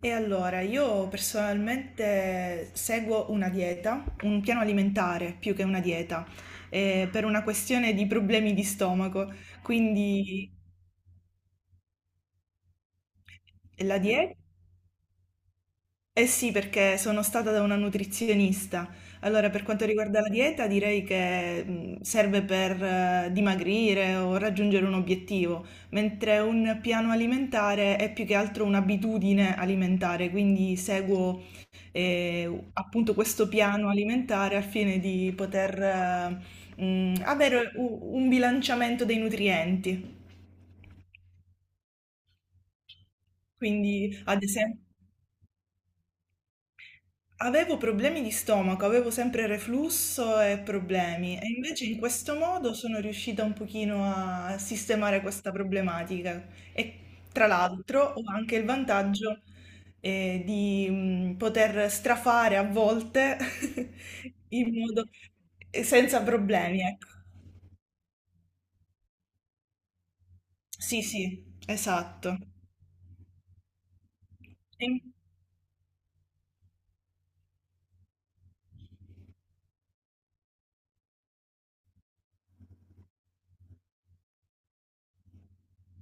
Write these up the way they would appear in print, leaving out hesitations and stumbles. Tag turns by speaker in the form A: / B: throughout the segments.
A: E allora, io personalmente seguo una dieta, un piano alimentare più che una dieta, per una questione di problemi di stomaco. Quindi la dieta... Eh sì, perché sono stata da una nutrizionista. Allora, per quanto riguarda la dieta, direi che serve per dimagrire o raggiungere un obiettivo, mentre un piano alimentare è più che altro un'abitudine alimentare, quindi seguo appunto questo piano alimentare al fine di poter avere un bilanciamento dei nutrienti. Quindi, ad esempio... Avevo problemi di stomaco, avevo sempre reflusso e problemi e invece in questo modo sono riuscita un pochino a sistemare questa problematica e tra l'altro ho anche il vantaggio di poter strafare a volte in modo senza problemi, ecco. Sì, sì, esatto. E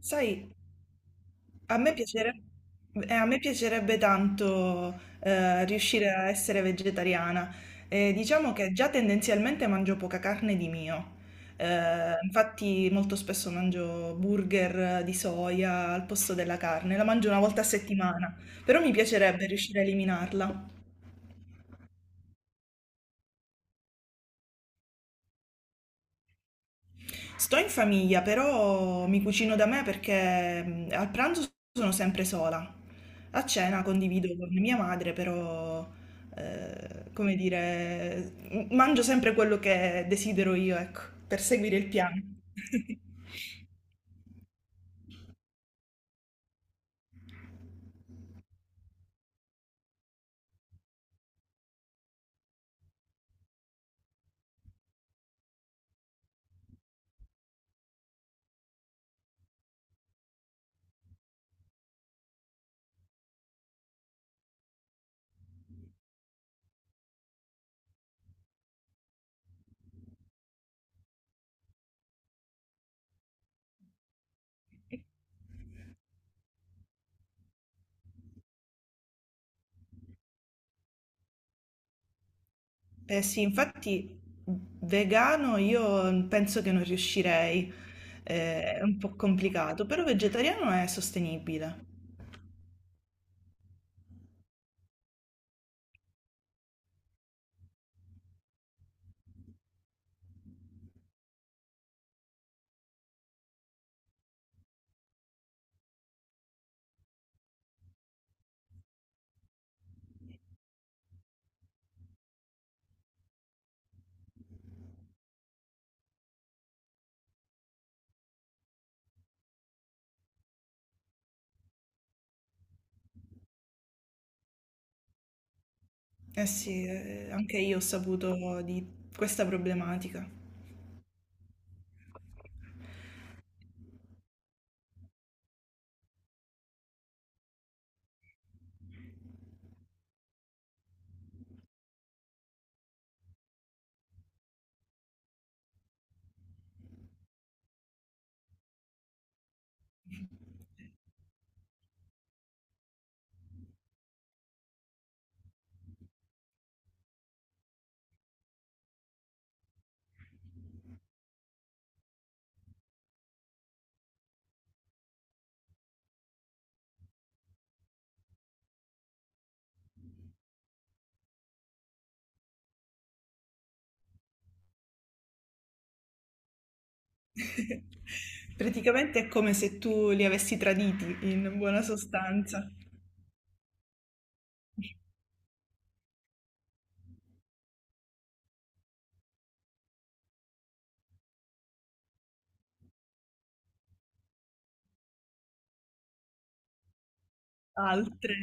A: sai, A me piacere- a me piacerebbe tanto riuscire a essere vegetariana. Diciamo che già tendenzialmente mangio poca carne di mio. Infatti molto spesso mangio burger di soia al posto della carne, la mangio una volta a settimana, però mi piacerebbe riuscire a eliminarla. Sto in famiglia, però mi cucino da me perché al pranzo sono sempre sola. A cena condivido con mia madre, però, come dire, mangio sempre quello che desidero io, ecco, per seguire il piano. Eh sì, infatti vegano io penso che non riuscirei. È un po' complicato, però vegetariano è sostenibile. Eh sì, anche io ho saputo di questa problematica. Praticamente è come se tu li avessi traditi in buona sostanza. Altre.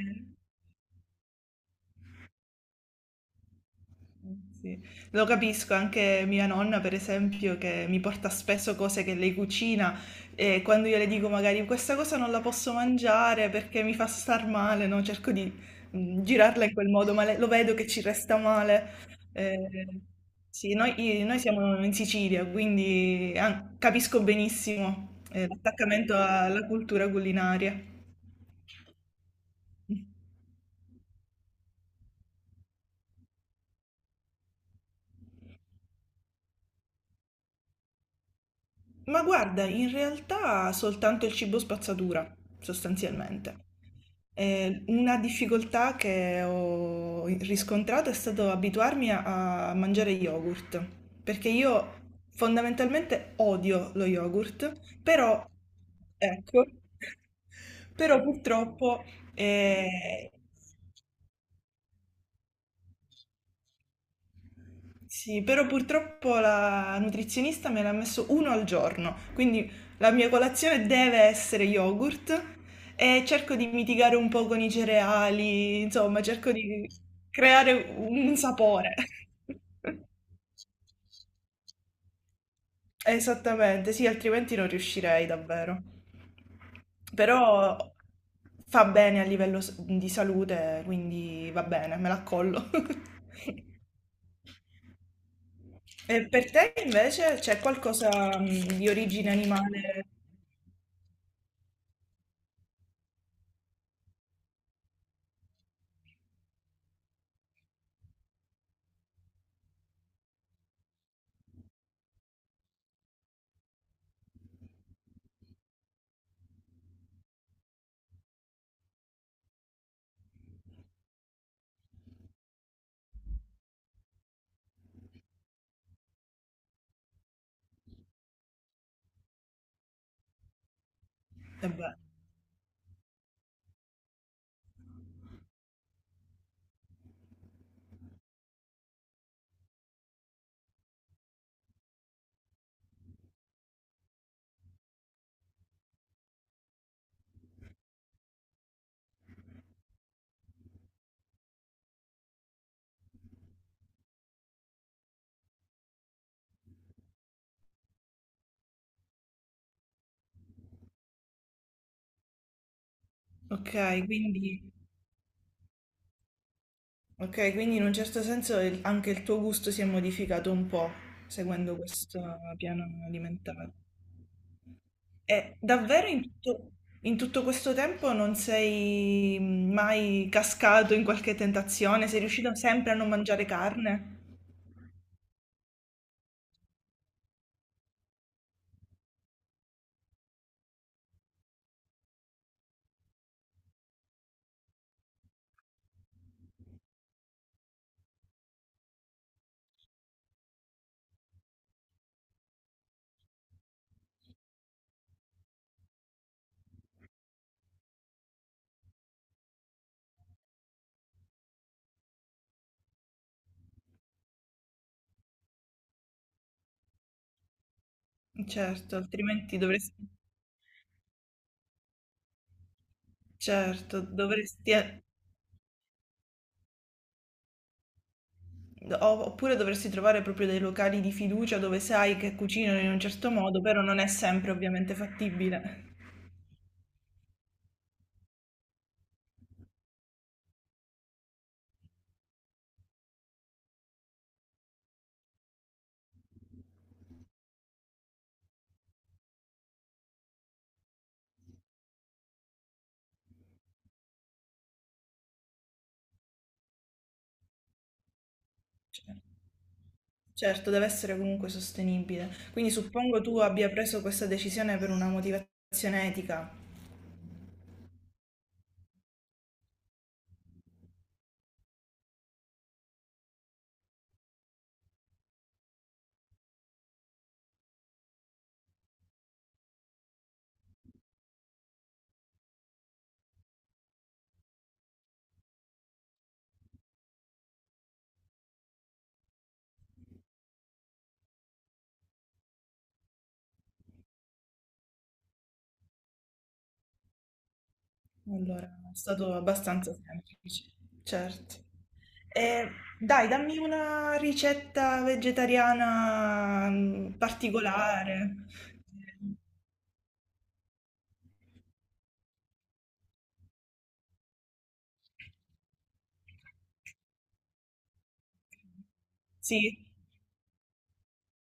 A: Sì. Lo capisco, anche mia nonna, per esempio, che mi porta spesso cose che lei cucina e quando io le dico magari questa cosa non la posso mangiare perché mi fa star male, no? Cerco di girarla in quel modo, ma lo vedo che ci resta male. Eh, sì, noi siamo in Sicilia, quindi ah, capisco benissimo l'attaccamento alla cultura culinaria. Ma guarda, in realtà soltanto il cibo spazzatura, sostanzialmente. Una difficoltà che ho riscontrato è stato abituarmi a mangiare yogurt, perché io fondamentalmente odio lo yogurt, però, ecco, però purtroppo eh... Sì, però purtroppo la nutrizionista me l'ha messo uno al giorno, quindi la mia colazione deve essere yogurt e cerco di mitigare un po' con i cereali, insomma, cerco di creare un sapore. Esattamente, sì, altrimenti non riuscirei davvero. Però fa bene a livello di salute, quindi va bene, me l'accollo. E per te invece c'è qualcosa di origine animale? Vabbè, ok, quindi, ok, quindi in un certo senso anche il tuo gusto si è modificato un po' seguendo questo piano alimentare. E davvero in tutto questo tempo non sei mai cascato in qualche tentazione? Sei riuscito sempre a non mangiare carne? Certo, altrimenti dovresti, certo, dovresti... Oppure dovresti trovare proprio dei locali di fiducia dove sai che cucinano in un certo modo, però non è sempre ovviamente fattibile. Cioè, certo, deve essere comunque sostenibile. Quindi suppongo tu abbia preso questa decisione per una motivazione etica. Allora, è stato abbastanza semplice. Certo. E, dai, dammi una ricetta vegetariana particolare. Sì,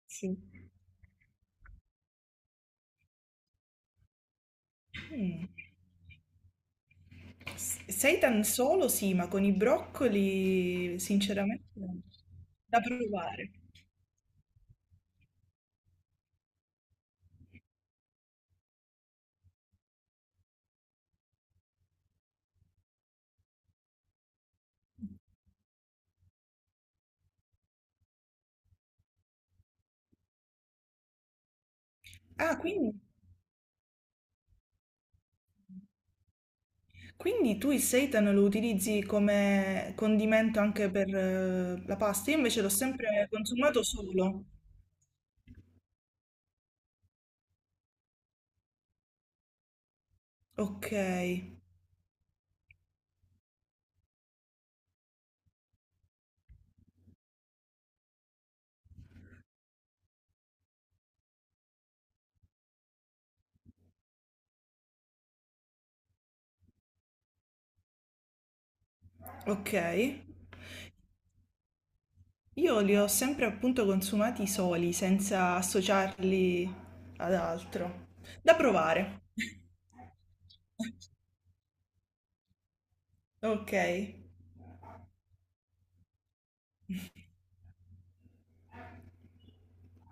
A: sì. Mm. Seitan solo sì, ma con i broccoli sinceramente non... da provare. Ah, quindi, quindi tu il seitan lo utilizzi come condimento anche per la pasta? Io invece l'ho sempre consumato solo. Ok, ok. Io li ho sempre appunto consumati soli, senza associarli ad altro. Da provare. Ok.